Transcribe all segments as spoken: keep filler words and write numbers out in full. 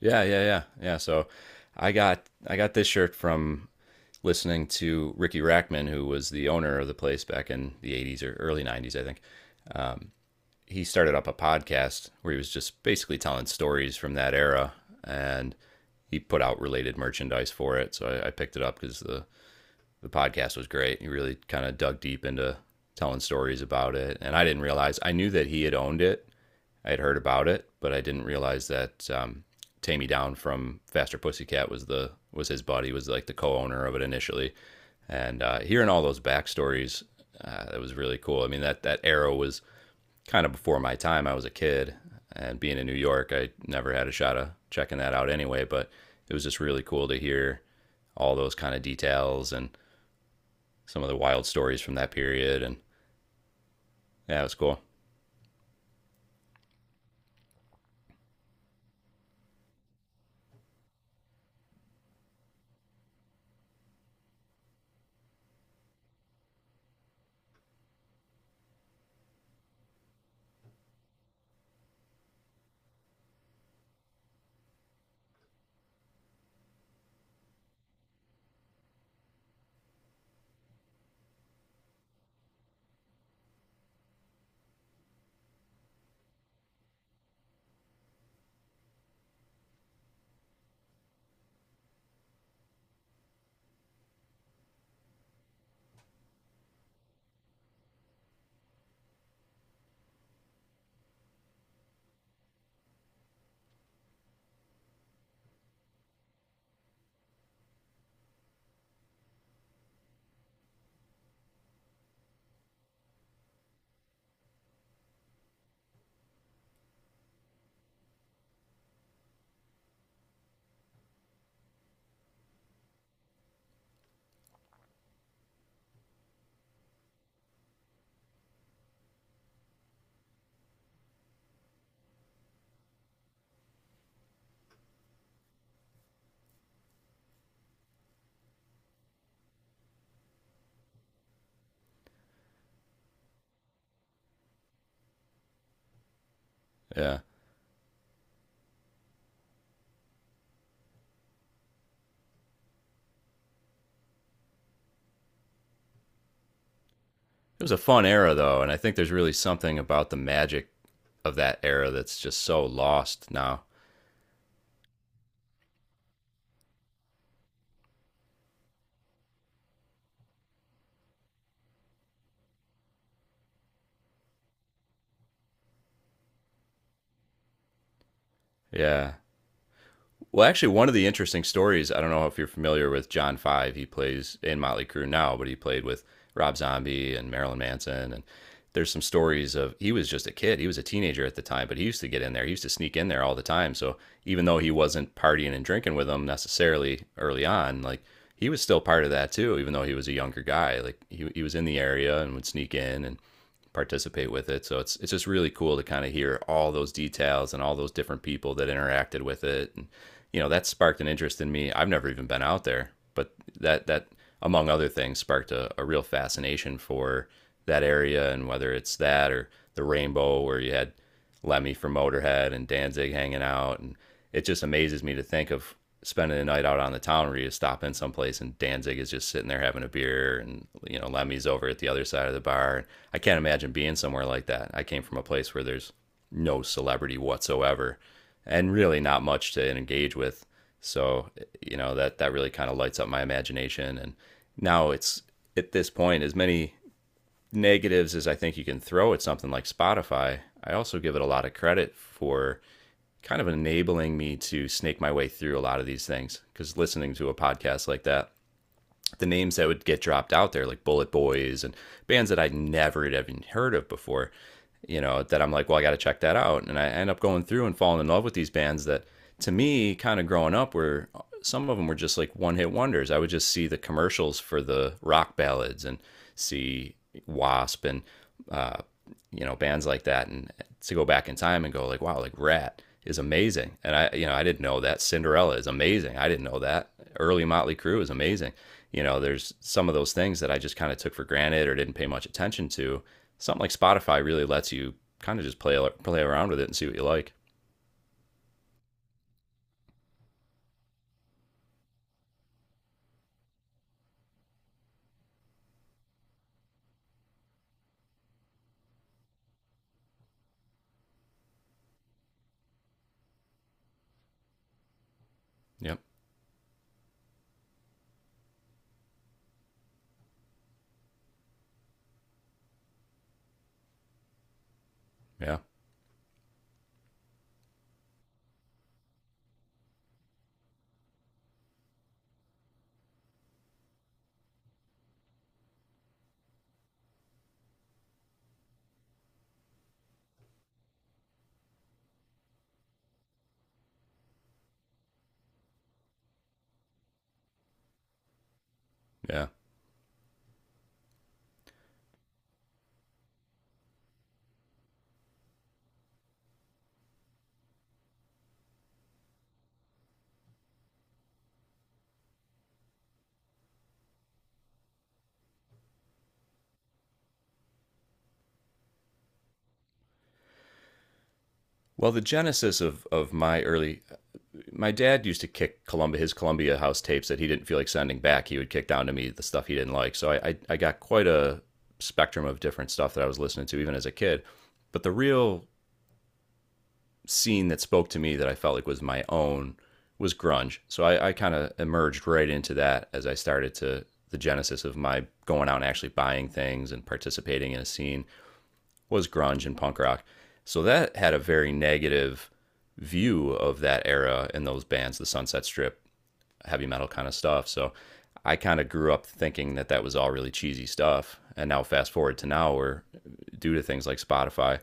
Yeah, yeah, yeah, yeah. So I got I got this shirt from listening to Ricky Rackman, who was the owner of the place back in the eighties or early nineties, I think. He started up a podcast where he was just basically telling stories from that era, and he put out related merchandise for it. So I, I picked it up because the the podcast was great. He really kind of dug deep into telling stories about it, and I didn't realize I knew that he had owned it I had heard about it, but I didn't realize that um, Tammy Down from Faster Pussycat was the was his buddy, was like the co-owner of it initially. And uh, hearing all those backstories, uh, that was really cool. I mean, that that era was kind of before my time. I was a kid, and being in New York, I never had a shot of checking that out anyway. But it was just really cool to hear all those kind of details and some of the wild stories from that period. And yeah, it was cool. Yeah. It was a fun era though, and I think there's really something about the magic of that era that's just so lost now. Yeah. Well, actually, one of the interesting stories, I don't know if you're familiar with John Five. He plays in Motley Crue now, but he played with Rob Zombie and Marilyn Manson. And there's some stories of he was just a kid. He was a teenager at the time, but he used to get in there. He used to sneak in there all the time. So even though he wasn't partying and drinking with them necessarily early on, like he was still part of that too, even though he was a younger guy. Like he, he was in the area and would sneak in and participate with it. So it's it's just really cool to kind of hear all those details and all those different people that interacted with it. And you know, that sparked an interest in me. I've never even been out there, but that that among other things sparked a, a real fascination for that area, and whether it's that or the rainbow where you had Lemmy from Motorhead and Danzig hanging out. And it just amazes me to think of spending the night out on the town where you stop in someplace and Danzig is just sitting there having a beer and, you know, Lemmy's over at the other side of the bar. I can't imagine being somewhere like that. I came from a place where there's no celebrity whatsoever and really not much to engage with. So, you know, that, that really kind of lights up my imagination. And now it's at this point, as many negatives is I think you can throw at something like Spotify. I also give it a lot of credit for kind of enabling me to snake my way through a lot of these things because listening to a podcast like that the names that would get dropped out there, like Bullet Boys and bands that I'd never had even heard of before, you know, that I'm like, well, I got to check that out. And I end up going through and falling in love with these bands that, to me, kind of growing up, were some of them were just like one hit wonders. I would just see the commercials for the rock ballads and see Wasp and uh, you know, bands like that, and to go back in time and go like wow, like Rat is amazing, and I you know I didn't know that Cinderella is amazing, I didn't know that early Motley Crue is amazing. You know, there's some of those things that I just kind of took for granted or didn't pay much attention to. Something like Spotify really lets you kind of just play play around with it and see what you like. Yep. Yeah, yeah. Well, the genesis of of my early my dad used to kick Columbia his Columbia House tapes that he didn't feel like sending back. He would kick down to me the stuff he didn't like. So I, I I got quite a spectrum of different stuff that I was listening to even as a kid. But the real scene that spoke to me that I felt like was my own was grunge. So I, I kind of emerged right into that as I started to the genesis of my going out and actually buying things and participating in a scene was grunge and punk rock. So that had a very negative view of that era and those bands, the Sunset Strip, heavy metal kind of stuff. So I kind of grew up thinking that that was all really cheesy stuff. And now fast forward to now where due to things like Spotify,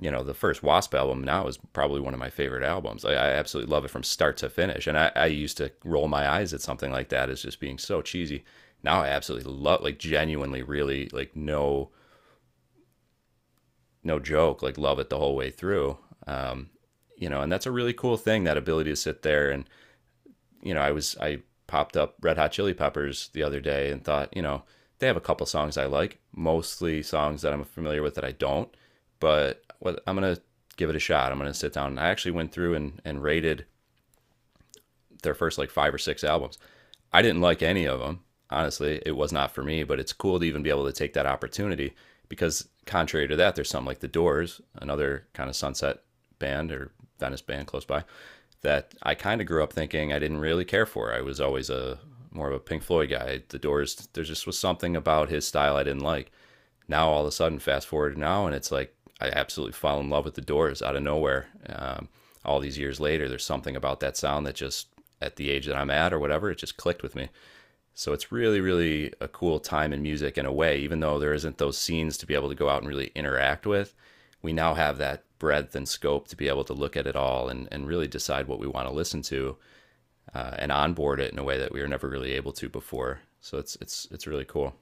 you know, the first Wasp album now is probably one of my favorite albums. I, I absolutely love it from start to finish. And I, I used to roll my eyes at something like that as just being so cheesy. Now I absolutely love, like genuinely really like no no joke, like love it the whole way through. Um, you know, and that's a really cool thing, that ability to sit there and you know, I was I popped up Red Hot Chili Peppers the other day and thought, you know, they have a couple songs I like, mostly songs that I'm familiar with that I don't, but I'm gonna give it a shot. I'm gonna sit down and I actually went through and and rated their first like five or six albums. I didn't like any of them. Honestly, it was not for me, but it's cool to even be able to take that opportunity because contrary to that, there's something like The Doors, another kind of sunset band or Venice band close by that I kind of grew up thinking I didn't really care for. I was always a more of a Pink Floyd guy. The Doors, there just was something about his style I didn't like now all of a sudden, fast forward to now, and it's like I absolutely fell in love with the Doors out of nowhere. Um, all these years later, there's something about that sound that just at the age that I'm at or whatever, it just clicked with me. So it's really, really a cool time in music in a way, even though there isn't those scenes to be able to go out and really interact with. We now have that breadth and scope to be able to look at it all and, and really decide what we want to listen to uh, and onboard it in a way that we were never really able to before. So it's it's it's really cool.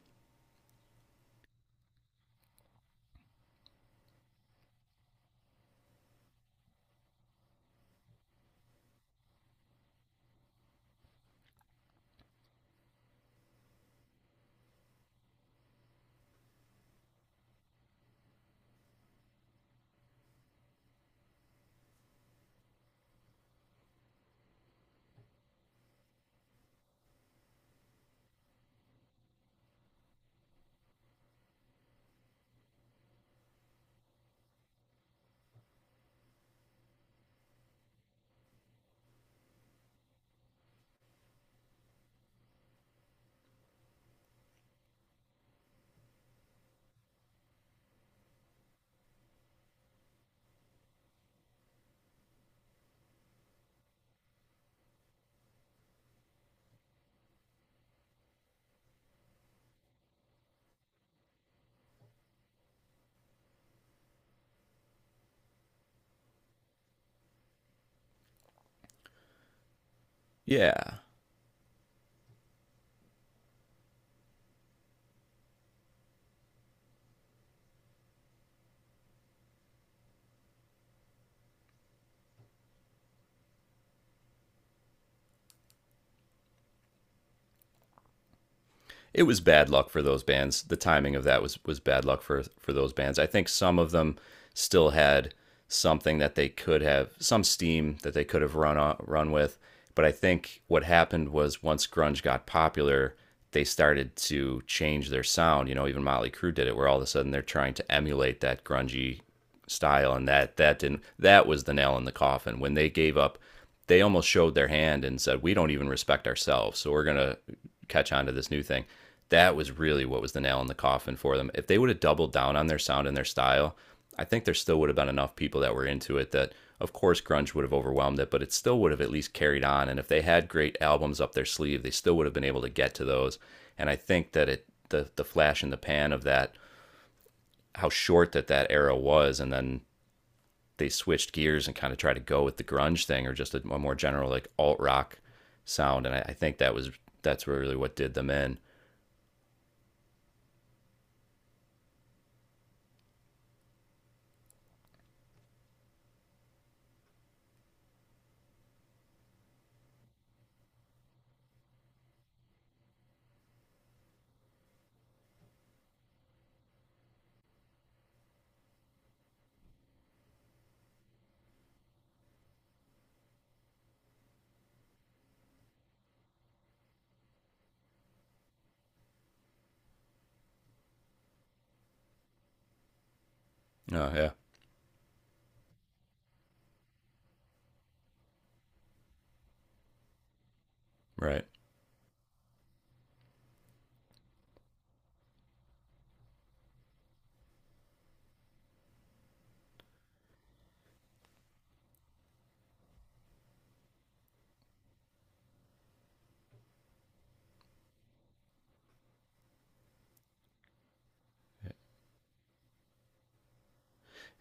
Yeah, it was bad luck for those bands. The timing of that was was bad luck for for those bands. I think some of them still had something that they could have some steam that they could have run on, run with, but I think what happened was once grunge got popular, they started to change their sound. You know, even Motley Crue did it, where all of a sudden they're trying to emulate that grungy style, and that that didn't that was the nail in the coffin when they gave up they almost showed their hand and said, "We don't even respect ourselves, so we're gonna catch on to this new thing." That was really what was the nail in the coffin for them. If they would have doubled down on their sound and their style, I think there still would have been enough people that were into it that, of course, grunge would have overwhelmed it, but it still would have at least carried on. And if they had great albums up their sleeve, they still would have been able to get to those. And I think that it the the flash in the pan of that how short that that era was, and then they switched gears and kind of tried to go with the grunge thing or just a, a more general like alt rock sound. And I, I think that was that's really what did them in. Oh yeah, right.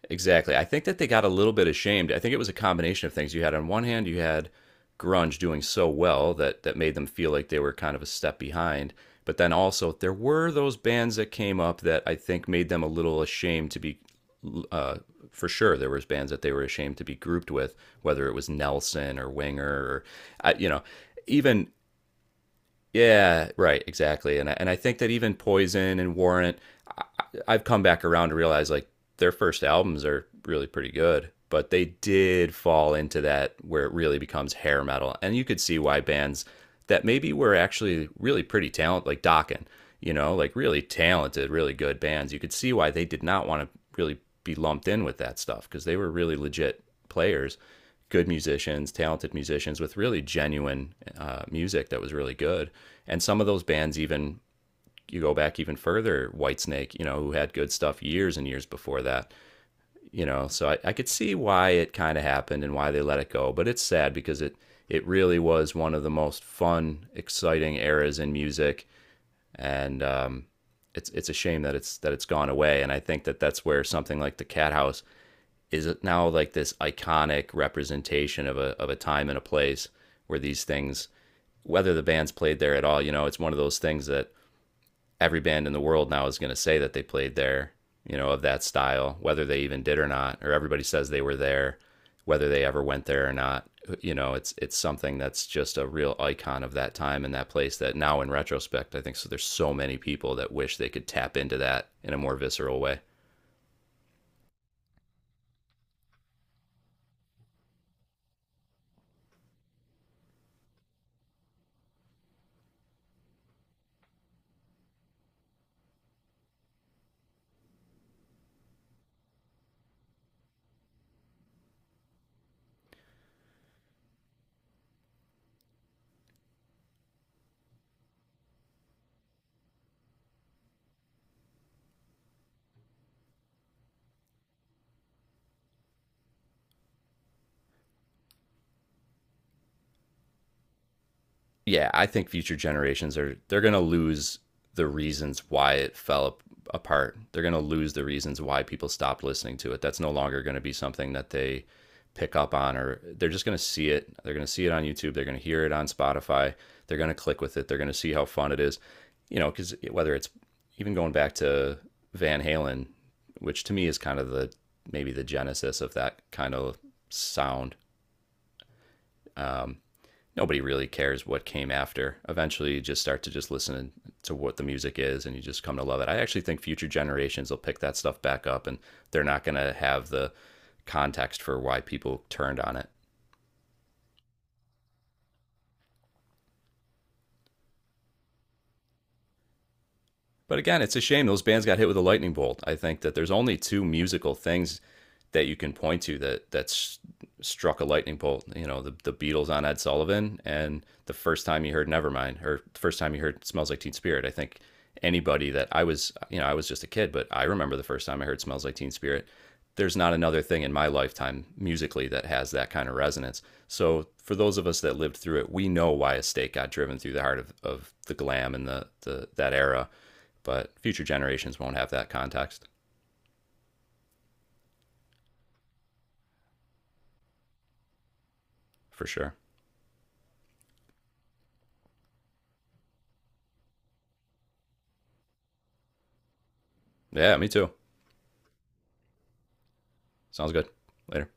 Exactly. I think that they got a little bit ashamed. I think it was a combination of things. You had on one hand, you had grunge doing so well that that made them feel like they were kind of a step behind. But then also there were those bands that came up that I think made them a little ashamed to be. Uh, for sure, there was bands that they were ashamed to be grouped with, whether it was Nelson or Winger or, uh, you know, even yeah, right, exactly. And I, and I think that even Poison and Warrant, I, I've come back around to realize like their first albums are really pretty good, but they did fall into that where it really becomes hair metal. And you could see why bands that maybe were actually really pretty talented, like Dokken, you know, like really talented, really good bands, you could see why they did not want to really be lumped in with that stuff because they were really legit players, good musicians, talented musicians with really genuine uh, music that was really good. And some of those bands, even you go back even further, Whitesnake, you know, who had good stuff years and years before that, you know. So I, I could see why it kind of happened and why they let it go. But it's sad because it it really was one of the most fun, exciting eras in music, and um, it's it's a shame that it's that it's gone away. And I think that that's where something like the Cat House is it now like this iconic representation of a of a time and a place where these things, whether the band's played there at all, you know, it's one of those things that every band in the world now is going to say that they played there, you know, of that style, whether they even did or not, or everybody says they were there, whether they ever went there or not. You know, it's it's something that's just a real icon of that time and that place that now in retrospect, I think so there's so many people that wish they could tap into that in a more visceral way. Yeah, I think future generations are they're going to lose the reasons why it fell apart. They're going to lose the reasons why people stopped listening to it. That's no longer going to be something that they pick up on or they're just going to see it. They're going to see it on YouTube, they're going to hear it on Spotify, they're going to click with it, they're going to see how fun it is. You know, cuz whether it's even going back to Van Halen, which to me is kind of the maybe the genesis of that kind of sound. Um Nobody really cares what came after. Eventually, you just start to just listen to what the music is, and you just come to love it. I actually think future generations will pick that stuff back up, and they're not going to have the context for why people turned on it. But again, it's a shame those bands got hit with a lightning bolt. I think that there's only two musical things that you can point to that that's struck a lightning bolt. You know, the, the Beatles on Ed Sullivan, and the first time you heard Nevermind, or the first time you heard Smells Like Teen Spirit. I think anybody that I was, you know, I was just a kid, but I remember the first time I heard Smells Like Teen Spirit. There's not another thing in my lifetime musically that has that kind of resonance. So for those of us that lived through it, we know why a stake got driven through the heart of, of the glam and the, the that era. But future generations won't have that context for sure. Yeah, me too. Sounds good. Later.